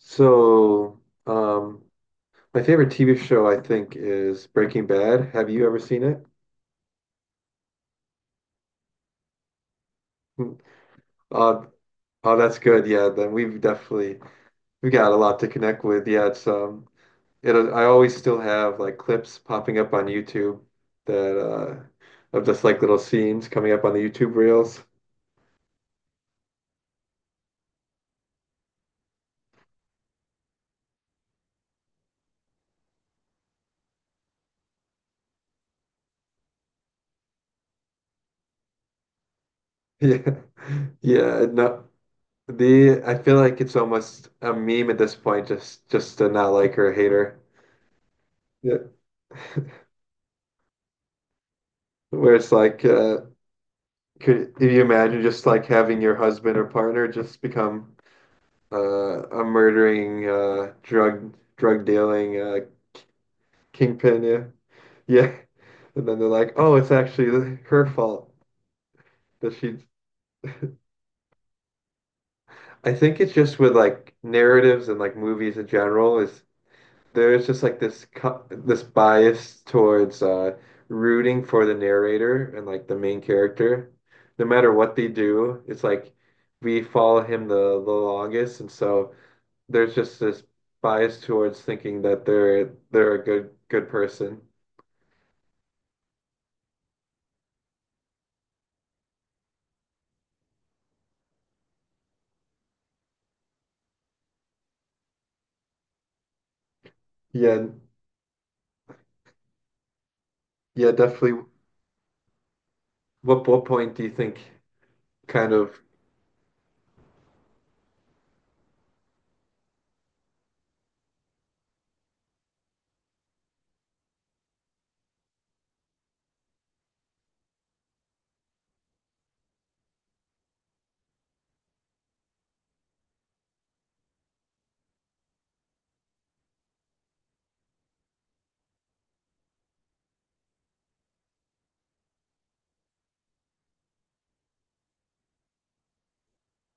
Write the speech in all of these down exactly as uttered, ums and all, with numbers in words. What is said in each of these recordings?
So, um, my favorite T V show, I think, is Breaking Bad. Have you ever seen it? Hmm. Uh, oh, that's good. Yeah, then we've definitely we've got a lot to connect with. Yeah, it's um, it. I always still have like clips popping up on YouTube that uh, of just like little scenes coming up on the YouTube reels. Yeah, yeah. No, the I feel like it's almost a meme at this point, just just to not like her, or hate her. Yeah, where it's like uh, could you imagine just like having your husband or partner just become uh, a murdering uh, drug drug dealing uh, kingpin? Yeah. Yeah. And then they're like, "Oh, it's actually her fault that she." I think it's just with like narratives and like movies in general is there's just like this co this bias towards uh, rooting for the narrator and like the main character, no matter what they do. It's like we follow him the, the longest, and so. There's just this bias towards thinking that they're they're a good good person. Yeah, yeah, definitely. What what point do you think kind of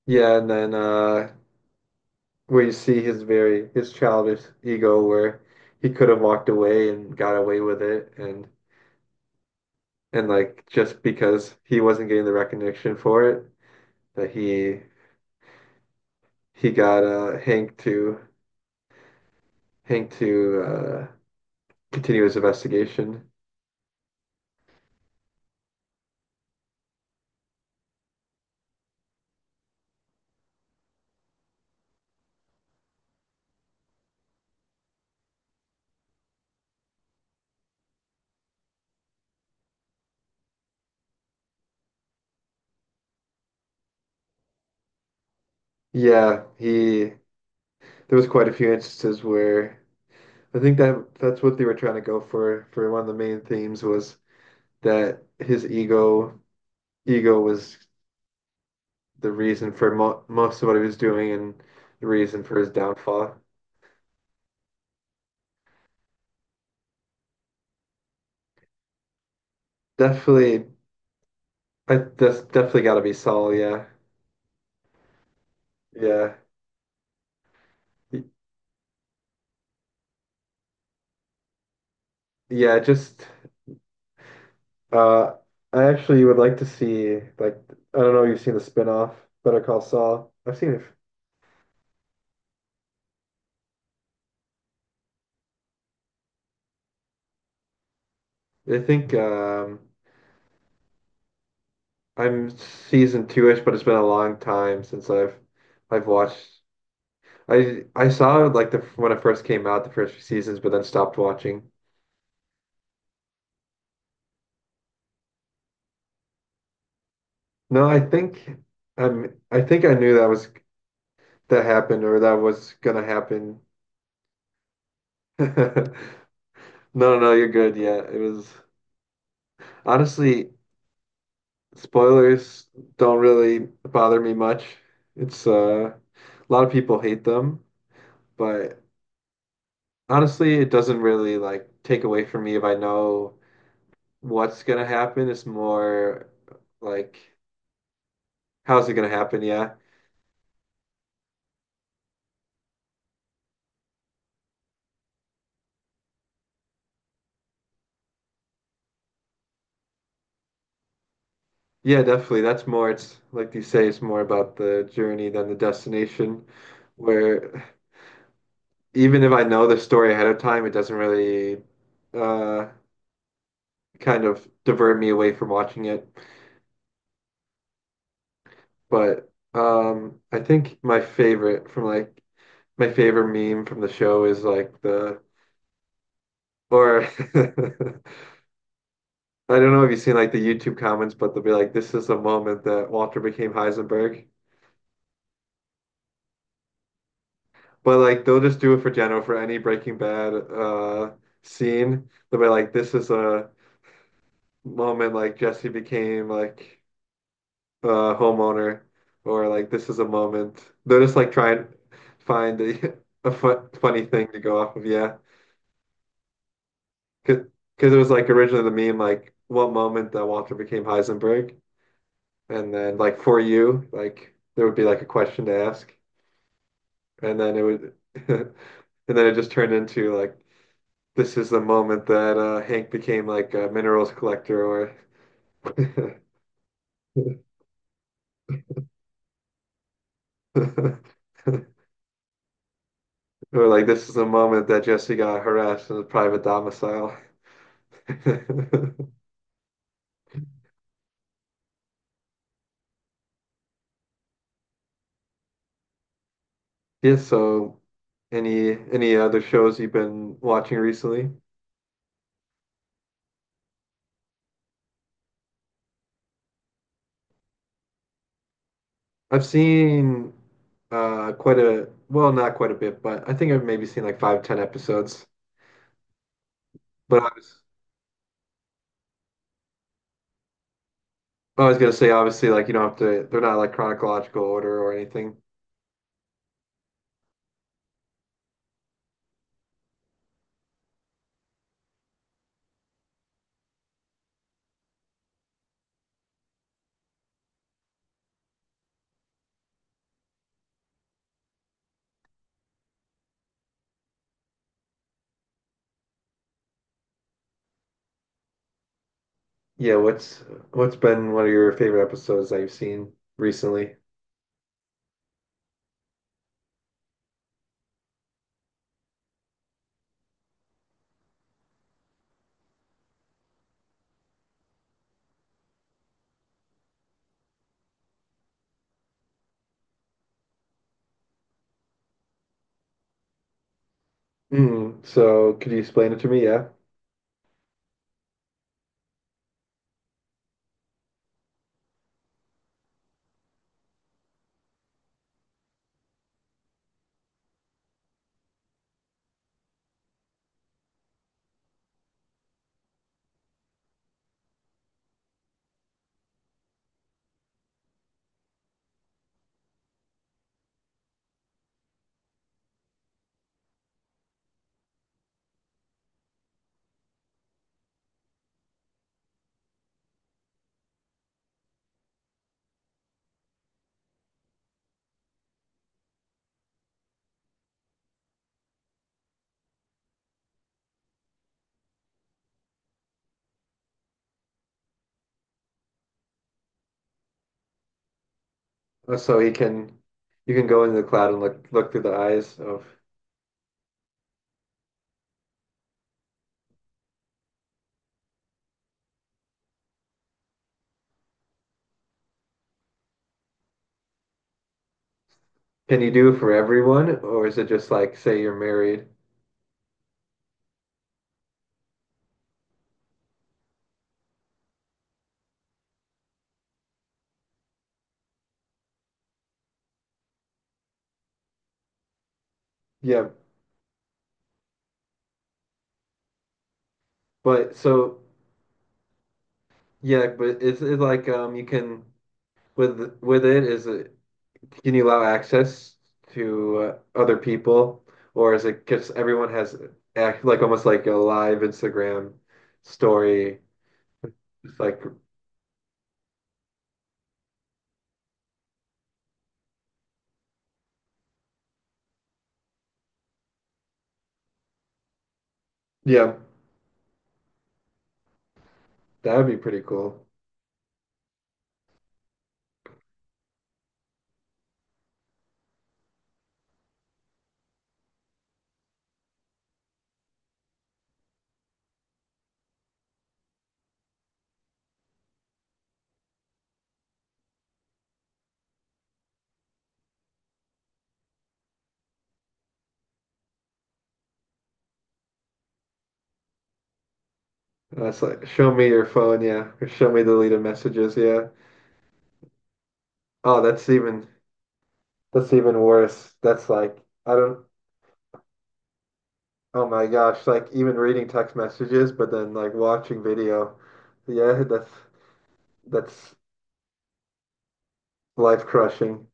yeah, and then uh where you see his very his childish ego where he could have walked away and got away with it and and like just because he wasn't getting the recognition for it that he he got uh Hank to Hank to uh continue his investigation. Yeah, he there was quite a few instances where I think that that's what they were trying to go for for one of the main themes was that his ego ego was the reason for mo most of what he was doing and the reason for his downfall. Definitely, I, that's definitely got to be Saul. Yeah, yeah, Y- yeah. Just uh, I actually would like to see like I don't know if you've seen the spin-off Better Call Saul. I've seen it. I think um, I'm season two-ish, but it's been a long time since I've I've watched. I I saw like the when it first came out, the first few seasons, but then stopped watching. No, I think I'm I think I knew that was that happened or that was gonna happen. No, no, you're good. Yeah, it was honestly spoilers don't really bother me much. It's uh, a lot of people hate them, but honestly, it doesn't really like take away from me if I know. What's gonna happen is more like how's it gonna happen? Yeah. Yeah, definitely. That's more it's like you say, it's more about the journey than the destination. Where even if I know the story ahead of time, it doesn't really uh kind of divert me away from watching it. But um I think my favorite from like my favorite meme from the show is like the or I don't know if you've seen like the YouTube comments, but they'll be like, "This is the moment that Walter became Heisenberg." But like they'll just do it for Jeno for any Breaking Bad uh scene. They'll be like, "This is a moment like Jesse became like a homeowner," or like, "This is a moment." They'll just like try and find a a fu funny thing to go off of. Yeah, because it was like originally the meme like, "What moment that Walter became Heisenberg?" And then like for you, like there would be like a question to ask. And then it would and then it just turned into like this is the moment that uh, Hank became like a minerals collector or or like this is the moment that Jesse got harassed in his private domicile. Yeah, so any any other shows you've been watching recently? I've seen uh quite a well, not quite a bit, but I think I've maybe seen like five, ten episodes. But I was I was gonna say, obviously, like you don't have to, they're not like chronological order or anything. Yeah, what's what's been one of your favorite episodes that you've seen recently? Mm, so could you explain it to me? Yeah. Uh, So he can, you can go into the cloud and look look through the eyes of. Can you do it for everyone, or is it just like say you're married? Yeah, but so yeah, but is it like um you can with with it is it can you allow access to uh, other people, or is it because everyone has act like almost like a live Instagram story? It's like, yeah, that would be pretty cool. That's like, show me your phone, yeah, or show me deleted messages, yeah. Oh, that's even that's even worse. That's like, I don't, oh my gosh, like even reading text messages, but then like watching video. Yeah, that's that's life crushing.